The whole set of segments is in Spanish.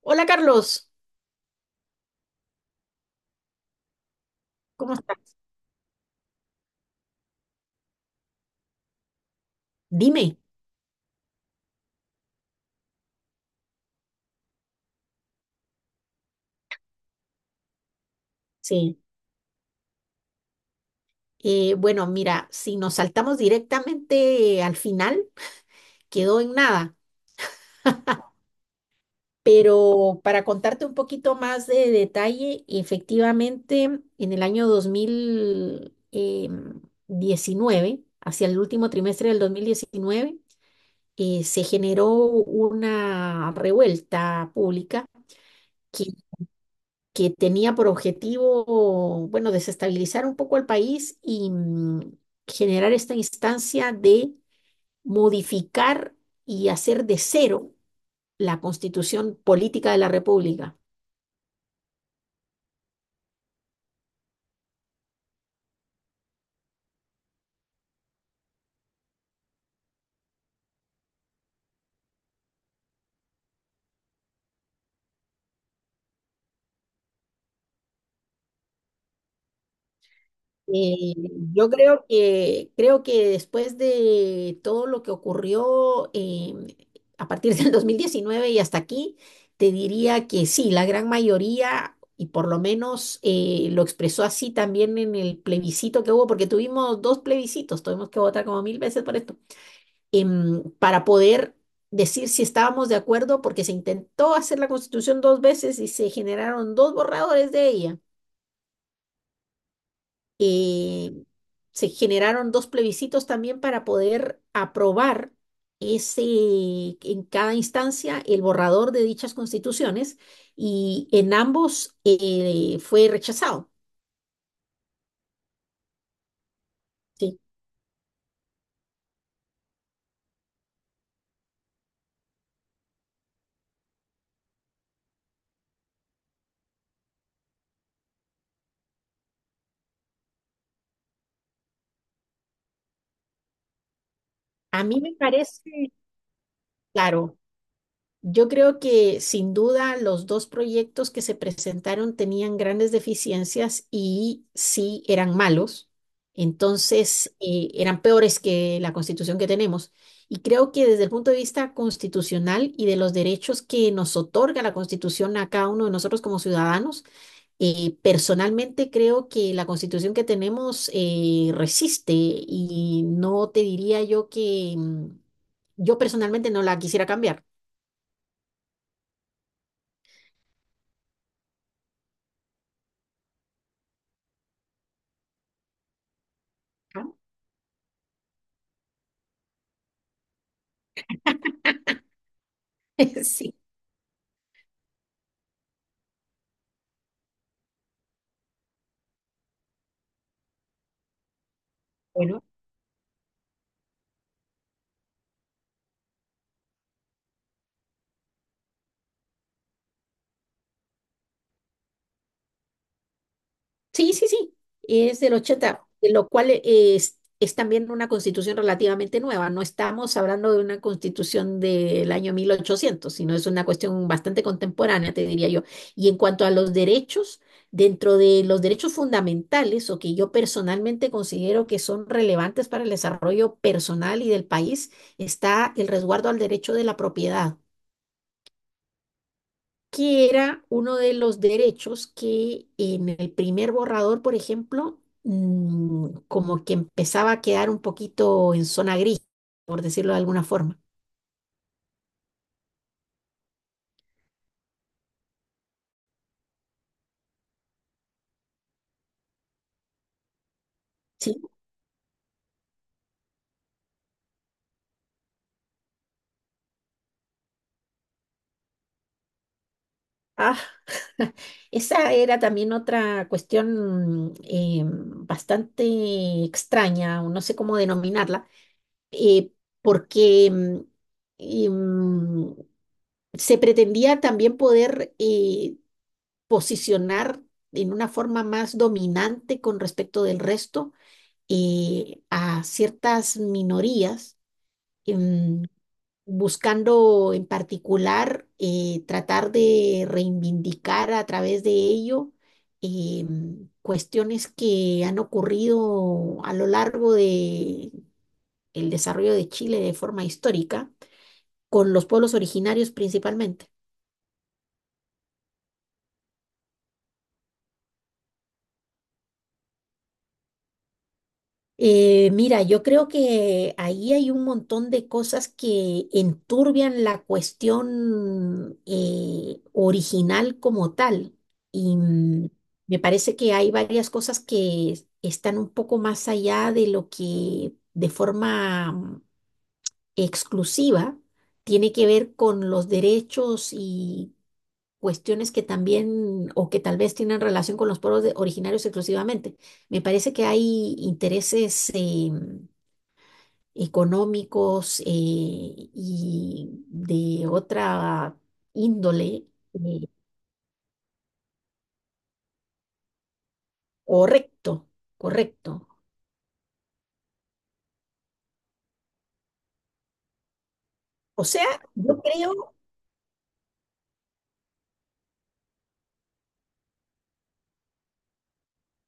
Hola, Carlos, ¿cómo estás? Dime. Sí. Bueno, mira, si nos saltamos directamente al final, quedó en nada. Pero para contarte un poquito más de detalle, efectivamente, en el año dos mil diecinueve, hacia el último trimestre del 2019, se generó una revuelta pública que que tenía por objetivo, bueno, desestabilizar un poco al país y, generar esta instancia de modificar y hacer de cero la constitución política de la República. Eh, yo creo que después de todo lo que ocurrió, a partir del 2019 y hasta aquí, te diría que sí, la gran mayoría, y por lo menos lo expresó así también en el plebiscito que hubo, porque tuvimos dos plebiscitos, tuvimos que votar como mil veces por esto, para poder decir si estábamos de acuerdo, porque se intentó hacer la constitución dos veces y se generaron dos borradores de ella. eh, Se generaron dos plebiscitos también para poder aprobar ese, en cada instancia, el borrador de dichas constituciones, y en ambos fue rechazado. Sí. A mí me parece, claro, yo creo que sin duda los dos proyectos que se presentaron tenían grandes deficiencias y sí eran malos, entonces eran peores que la constitución que tenemos. Y creo que desde el punto de vista constitucional y de los derechos que nos otorga la constitución a cada uno de nosotros como ciudadanos, personalmente creo que la constitución que tenemos resiste, y no te diría yo que, yo personalmente no la quisiera cambiar. ¿No? Sí, bueno, sí, sí, sí, es del 80, de lo cual es también una constitución relativamente nueva. No estamos hablando de una constitución del año 1800, sino es una cuestión bastante contemporánea, te diría yo. Y en cuanto a los derechos, dentro de los derechos fundamentales, o que yo personalmente considero que son relevantes para el desarrollo personal y del país, está el resguardo al derecho de la propiedad, que era uno de los derechos que, en el primer borrador, por ejemplo, como que empezaba a quedar un poquito en zona gris, por decirlo de alguna forma. Sí. Ah, esa era también otra cuestión bastante extraña, o no sé cómo denominarla, eh, porque, em, se pretendía también poder posicionar en una forma más dominante con respecto del resto a ciertas minorías, em, buscando en particular tratar de reivindicar a través de ello, cuestiones que han ocurrido a lo largo de el desarrollo de Chile de forma histórica, con los pueblos originarios principalmente. Mira, yo creo que ahí hay un montón de cosas que enturbian la cuestión original como tal. Y mm, Me parece que hay varias cosas que están un poco más allá de lo que de forma exclusiva tiene que ver con los derechos y cuestiones que también, o que tal vez, tienen relación con los pueblos originarios exclusivamente. Me parece que hay intereses, económicos y de otra índole. eh, Correcto, correcto. O sea, yo creo.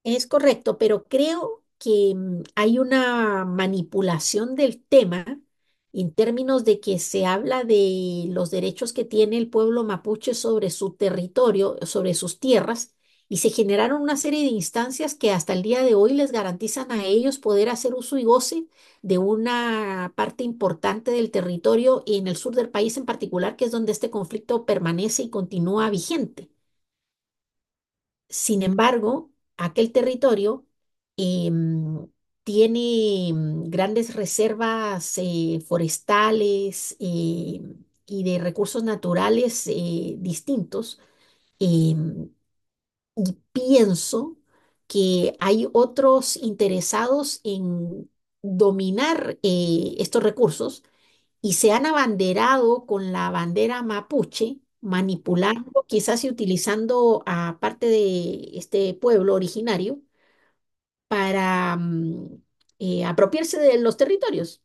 Es correcto, pero creo que, hay una manipulación del tema en términos de que se habla de los derechos que tiene el pueblo mapuche sobre su territorio, sobre sus tierras, y se generaron una serie de instancias que hasta el día de hoy les garantizan a ellos poder hacer uso y goce de una parte importante del territorio, y en el sur del país en particular, que es donde este conflicto permanece y continúa vigente. Sin embargo, aquel territorio, em, tiene, grandes reservas forestales, y de recursos naturales distintos. em, y pienso que hay otros interesados en dominar, estos recursos, y se han abanderado con la bandera mapuche, manipulando quizás y utilizando a parte de este pueblo originario para, apropiarse de los territorios.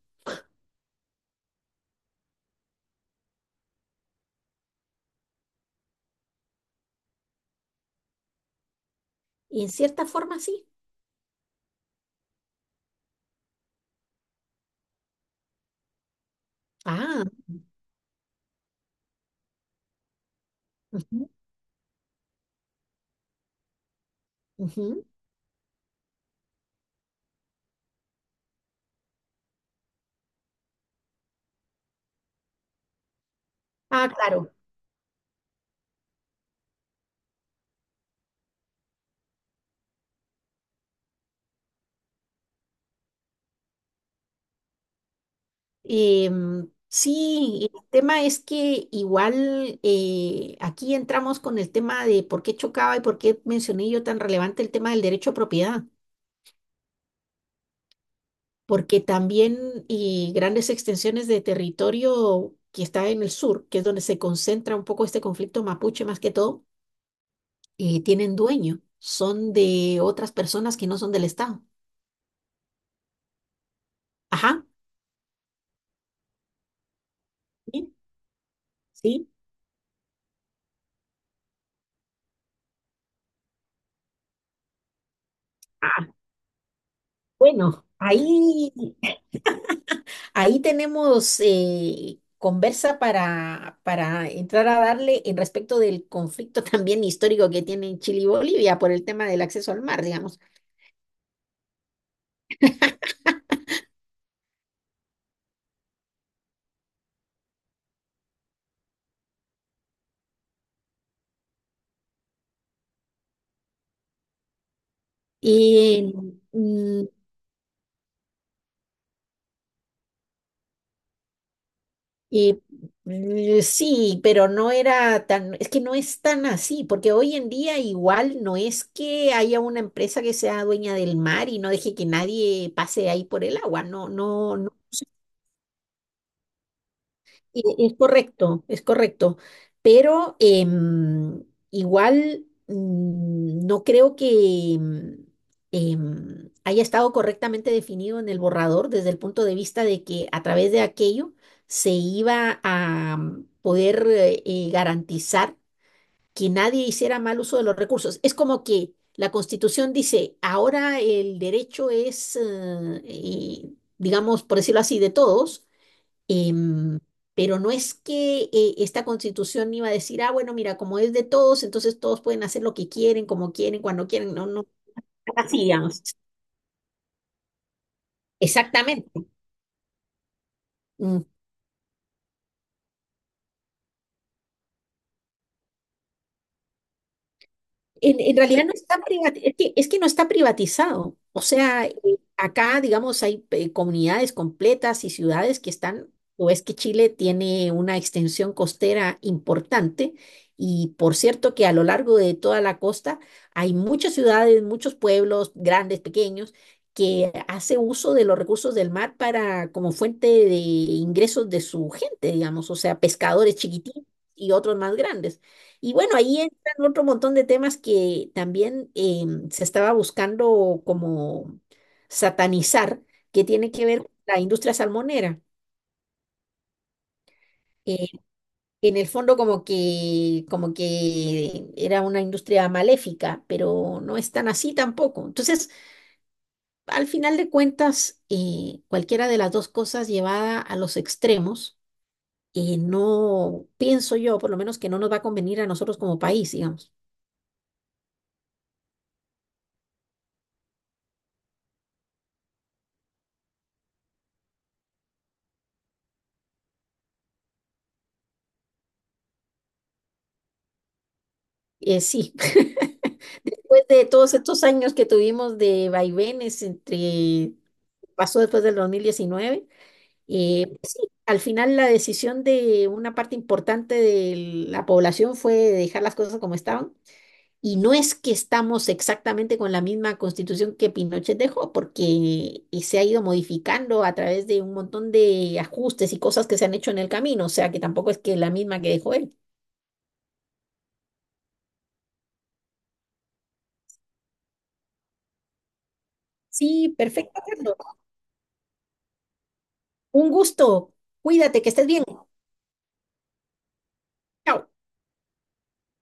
Y en cierta forma sí. Ah, ujú, ujú. Ah, claro. Sí, el tema es que igual, aquí entramos con el tema de por qué chocaba y por qué mencioné yo tan relevante el tema del derecho a propiedad, porque también y grandes extensiones de territorio que está en el sur, que es donde se concentra un poco este conflicto mapuche más que todo, tienen dueño, son de otras personas que no son del Estado. Ajá, sí, sí. Ah, bueno, ahí, ahí tenemos conversa para entrar a darle en respecto del conflicto también histórico que tienen Chile y Bolivia por el tema del acceso al mar, digamos. Y mm, Y sí, pero no era tan, es que no es tan así, porque hoy en día igual no es que haya una empresa que sea dueña del mar y no deje que nadie pase ahí por el agua, no, no. Es correcto, es correcto. Pero, igual, no creo que, haya estado correctamente definido en el borrador desde el punto de vista de que a través de aquello se iba a, poder, garantizar que nadie hiciera mal uso de los recursos. Es como que la Constitución dice: ahora el derecho es, digamos, por decirlo así, de todos. Em, pero no es que, esta constitución iba a decir: ah, bueno, mira, como es de todos, entonces todos pueden hacer lo que quieren, como quieren, cuando quieren, no, no, así, digamos. Exactamente. En realidad no está es que no está privatizado. O sea, acá, digamos, hay, comunidades completas y ciudades que están, o es que Chile tiene una extensión costera importante y por cierto que a lo largo de toda la costa hay muchas ciudades, muchos pueblos, grandes, pequeños, que hace uso de los recursos del mar para como fuente de ingresos de su gente, digamos, o sea, pescadores chiquititos y otros más grandes. Y bueno, ahí otro montón de temas que también, se estaba buscando como satanizar, que tiene que ver con la industria salmonera. Eh, en el fondo como que era una industria maléfica, pero no es tan así tampoco. Entonces, al final de cuentas, cualquiera de las dos cosas llevada a los extremos, no pienso yo, por lo menos, que no nos va a convenir a nosotros como país, digamos. Sí. Después de todos estos años que tuvimos de vaivenes entre, pasó después del 2019, pues sí, al final la decisión de una parte importante de la población fue dejar las cosas como estaban. Y no es que estamos exactamente con la misma constitución que Pinochet dejó, porque, se ha ido modificando a través de un montón de ajustes y cosas que se han hecho en el camino, o sea que tampoco es que la misma que dejó él. Sí, perfecto, Carlos. Un gusto. Cuídate, que estés bien. Chao.